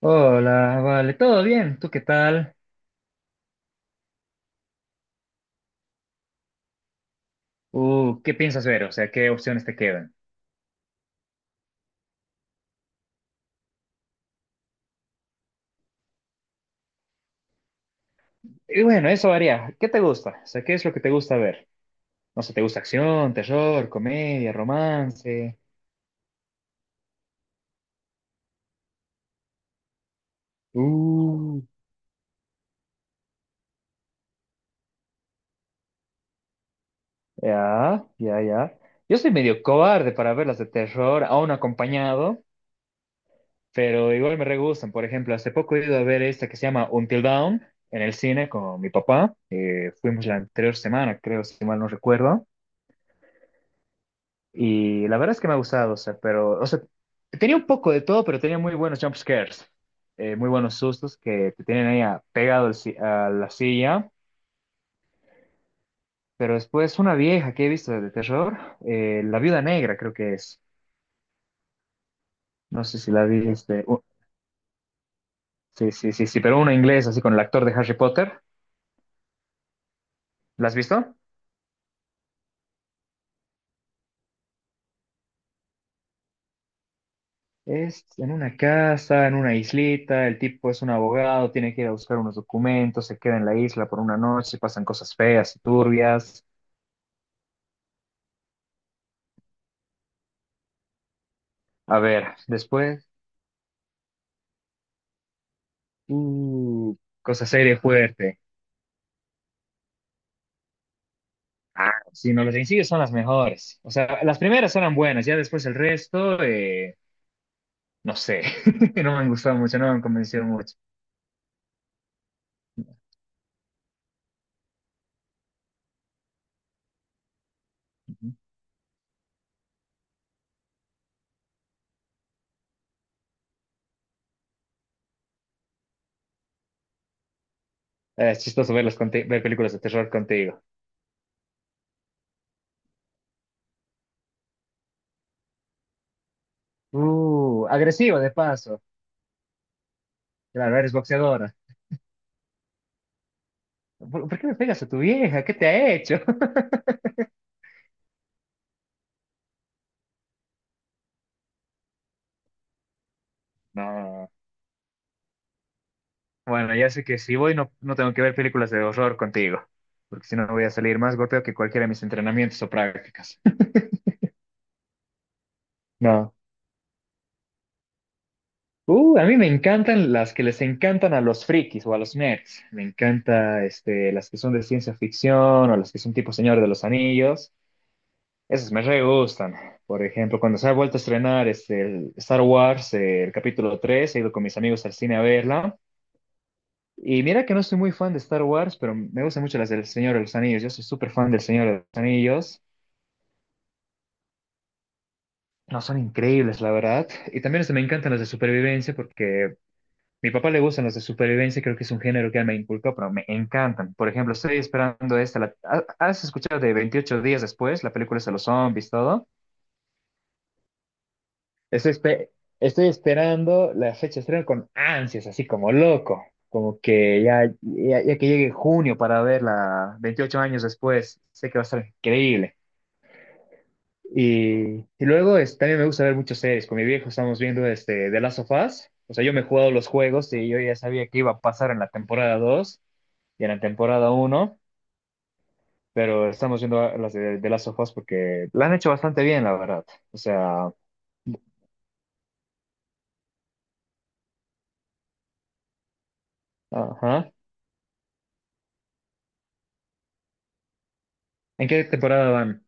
Hola, vale, ¿todo bien? ¿Tú qué tal? ¿Qué piensas ver? O sea, ¿qué opciones te quedan? Y bueno, eso varía. ¿Qué te gusta? O sea, ¿qué es lo que te gusta ver? No sé, ¿te gusta acción, terror, comedia, romance? Uh, ya, ya, ya. Yo soy medio cobarde para ver las de terror, aún acompañado, pero igual me re gustan. Por ejemplo, hace poco he ido a ver esta que se llama Until Dawn en el cine con mi papá. Fuimos la anterior semana, creo, si mal no recuerdo. Y la verdad es que me ha gustado, o sea, pero, o sea, tenía un poco de todo, pero tenía muy buenos jump scares, muy buenos sustos que te tienen ahí pegado al a la silla. Pero después una vieja que he visto de terror, La Viuda Negra creo que es, no sé si la viste. Sí, sí, sí, sí, pero una inglesa así con el actor de Harry Potter, ¿la has visto? Es en una casa, en una islita, el tipo es un abogado, tiene que ir a buscar unos documentos, se queda en la isla por una noche, pasan cosas feas y turbias. A ver, después, uh, cosa seria y fuerte. Ah, sí, no, los sencillos son las mejores. O sea, las primeras eran buenas, ya después el resto, no sé, no me han gustado mucho, no me han convencido mucho. Ujú. Es chistoso ver películas de terror contigo. Agresivo de paso. Claro, eres boxeadora. ¿Por qué me pegas a tu vieja? ¿Qué te ha hecho? No. Bueno, ya sé que si voy no, no tengo que ver películas de horror contigo, porque si no voy a salir más golpeado que cualquiera de mis entrenamientos o prácticas. No. A mí me encantan las que les encantan a los frikis o a los nerds. Me encanta este, las que son de ciencia ficción o las que son tipo Señor de los Anillos. Esas me re gustan. Por ejemplo, cuando se ha vuelto a estrenar este, el Star Wars, el capítulo 3, he ido con mis amigos al cine a verla. Y mira que no soy muy fan de Star Wars, pero me gustan mucho las del Señor de los Anillos. Yo soy súper fan del Señor de los Anillos. No, son increíbles, la verdad. Y también este, me encantan las de supervivencia porque mi papá le gustan los de supervivencia, creo que es un género que él me inculcó, pero me encantan. Por ejemplo, estoy esperando esta. ¿Has escuchado de 28 días después? La película es de los zombies, todo. Estoy, espe- estoy esperando la fecha de estreno con ansias, así como loco. Como que ya, ya, ya que llegue junio para verla 28 años después, sé que va a estar increíble. Y luego también me gusta ver muchas series. Con mi viejo estamos viendo este, The Last of Us. O sea, yo me he jugado los juegos y yo ya sabía que iba a pasar en la temporada dos, y en la temporada uno, pero estamos viendo las de Last of Us porque la han hecho bastante bien, la verdad. O sea, ajá. ¿En qué temporada van?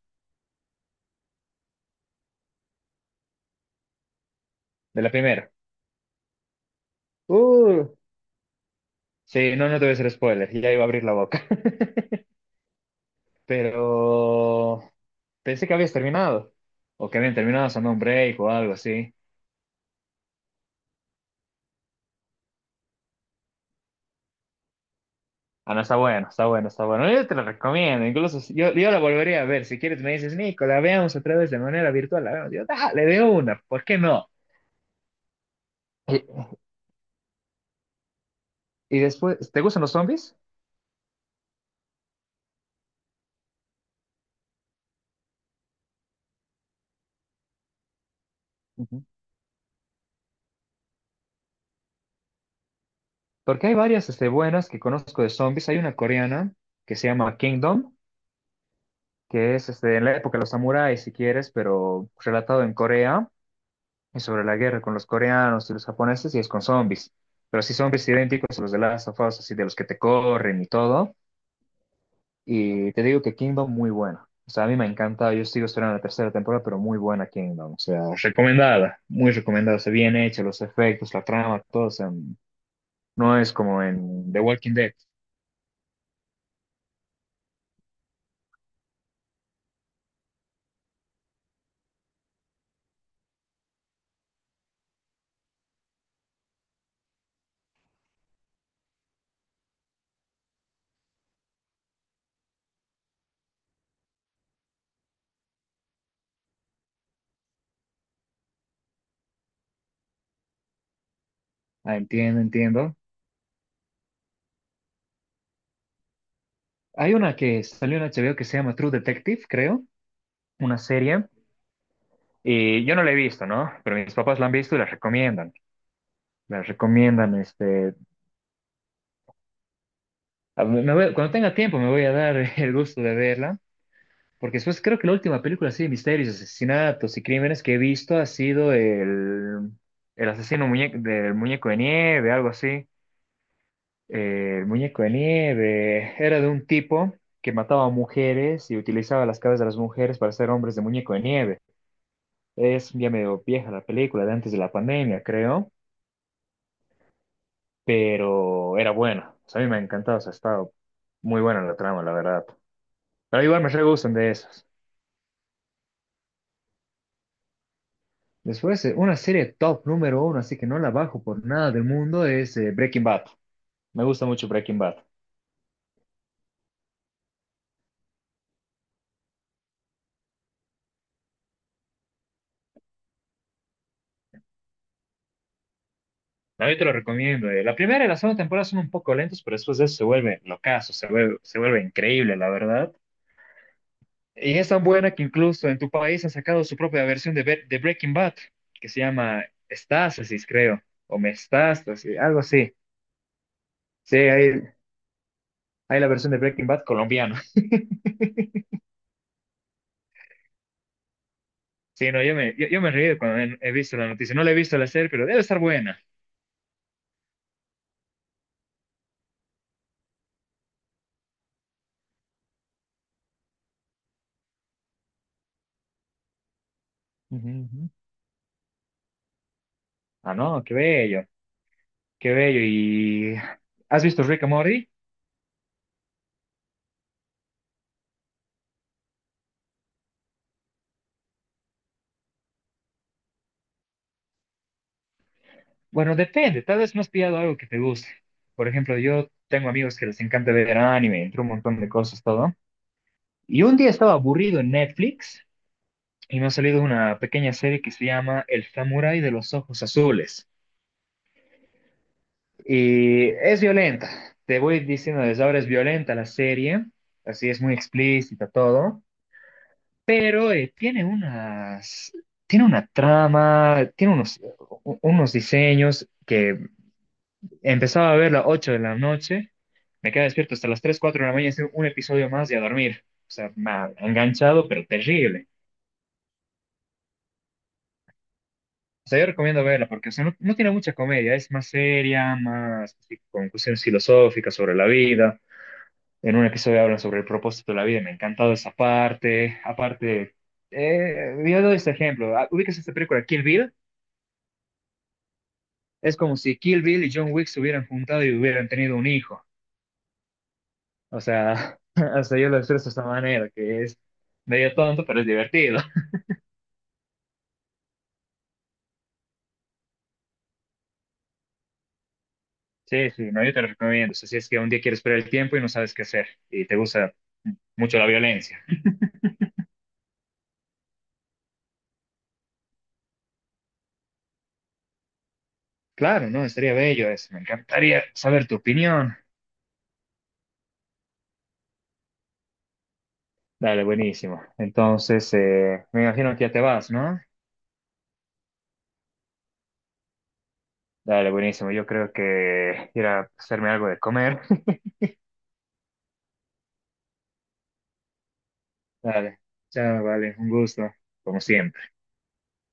De la primera. Uh, sí, no, no te voy a hacer spoiler, ya iba a abrir la boca. Pero pensé que habías terminado, o que habían terminado haciendo un break o algo así. Ah, no, está bueno, está bueno, está bueno. Yo te lo recomiendo, incluso yo la volvería a ver. Si quieres, me dices, Nico, la veamos otra vez de manera virtual. La veamos. Yo, dale, de una, ¿por qué no? Y después, ¿te gustan los zombies? Ujú. Porque hay varias este, buenas que conozco de zombies. Hay una coreana que se llama Kingdom, que es este, en la época de los samuráis, si quieres, pero relatado en Corea, y sobre la guerra con los coreanos y los japoneses, y es con zombies. Pero sí zombies idénticos a los de Last of Us, así de los que te corren y todo. Y te digo que Kingdom muy buena. O sea, a mí me encanta, yo sigo esperando la tercera temporada, pero muy buena Kingdom. O sea, recomendada, muy recomendada. O sea, bien hecha, los efectos, la trama, todo. O sea, no es como en The Walking Dead. Ah, entiendo, entiendo. Hay una que salió en HBO que se llama True Detective, creo, una serie. Y yo no la he visto, ¿no? Pero mis papás la han visto y la recomiendan. La recomiendan, este... cuando tenga tiempo me voy a dar el gusto de verla. Porque después creo que la última película así de misterios, asesinatos y crímenes que he visto ha sido del muñeco de nieve, algo así. El muñeco de nieve era de un tipo que mataba a mujeres y utilizaba las cabezas de las mujeres para hacer hombres de muñeco de nieve. Es ya medio vieja la película, de antes de la pandemia, creo, pero era buena. O sea, a mí me ha encantado, o sea, ha estado muy buena la trama, la verdad. Pero igual me re gustan de esas. Después, una serie top número 1, así que no la bajo por nada del mundo, es Breaking Bad. Me gusta mucho Breaking Bad. No, yo te lo recomiendo. Eh. La primera y la segunda temporada son un poco lentos, pero después de eso se vuelve locazo, se vuelve increíble, la verdad. Y es tan buena que incluso en tu país han sacado su propia versión de Breaking Bad, que se llama Estásis, creo, o Mestástasis, algo así. Sí, hay, hay la versión de Breaking Bad colombiana. Sí, no, yo me, yo me he reído cuando he visto la noticia. No la he visto la serie, pero debe estar buena. Ujú, ujú. Ah, no, qué bello, qué bello. ¿Y has visto Rick and Morty? Bueno, depende, tal vez no has pillado algo que te guste. Por ejemplo, yo tengo amigos que les encanta ver anime, entre un montón de cosas, todo. Y un día estaba aburrido en Netflix y me ha salido una pequeña serie que se llama El Samurái de los Ojos Azules. Y es violenta, te voy diciendo desde ahora es violenta la serie, así es muy explícita todo, pero tiene unas, tiene una trama, tiene unos, unos diseños que empezaba a verla a 8 de la noche, me quedaba despierto hasta las 3 4 de la mañana, hice un episodio más y a dormir. O sea, enganchado, pero terrible. O sea, yo recomiendo verla porque, o sea, no, no tiene mucha comedia, es más seria, más así, con cuestiones filosóficas sobre la vida. En un episodio hablan sobre el propósito de la vida, me ha encantado esa parte. Aparte, yo doy este ejemplo, ah, ubicas esta película Kill Bill, es como si Kill Bill y John Wick se hubieran juntado y hubieran tenido un hijo. O sea, hasta yo lo expreso de esta manera, que es medio tonto, pero es divertido. Sí, sí, no, yo te lo recomiendo. O sea, si es que un día quieres perder el tiempo y no sabes qué hacer y te gusta mucho la violencia. Claro, no, estaría bello eso. Me encantaría saber tu opinión. Dale, buenísimo. Entonces, me imagino que ya te vas, ¿no? Dale, buenísimo. Yo creo que ir a hacerme algo de comer. Dale. Chao, vale. Un gusto, como siempre.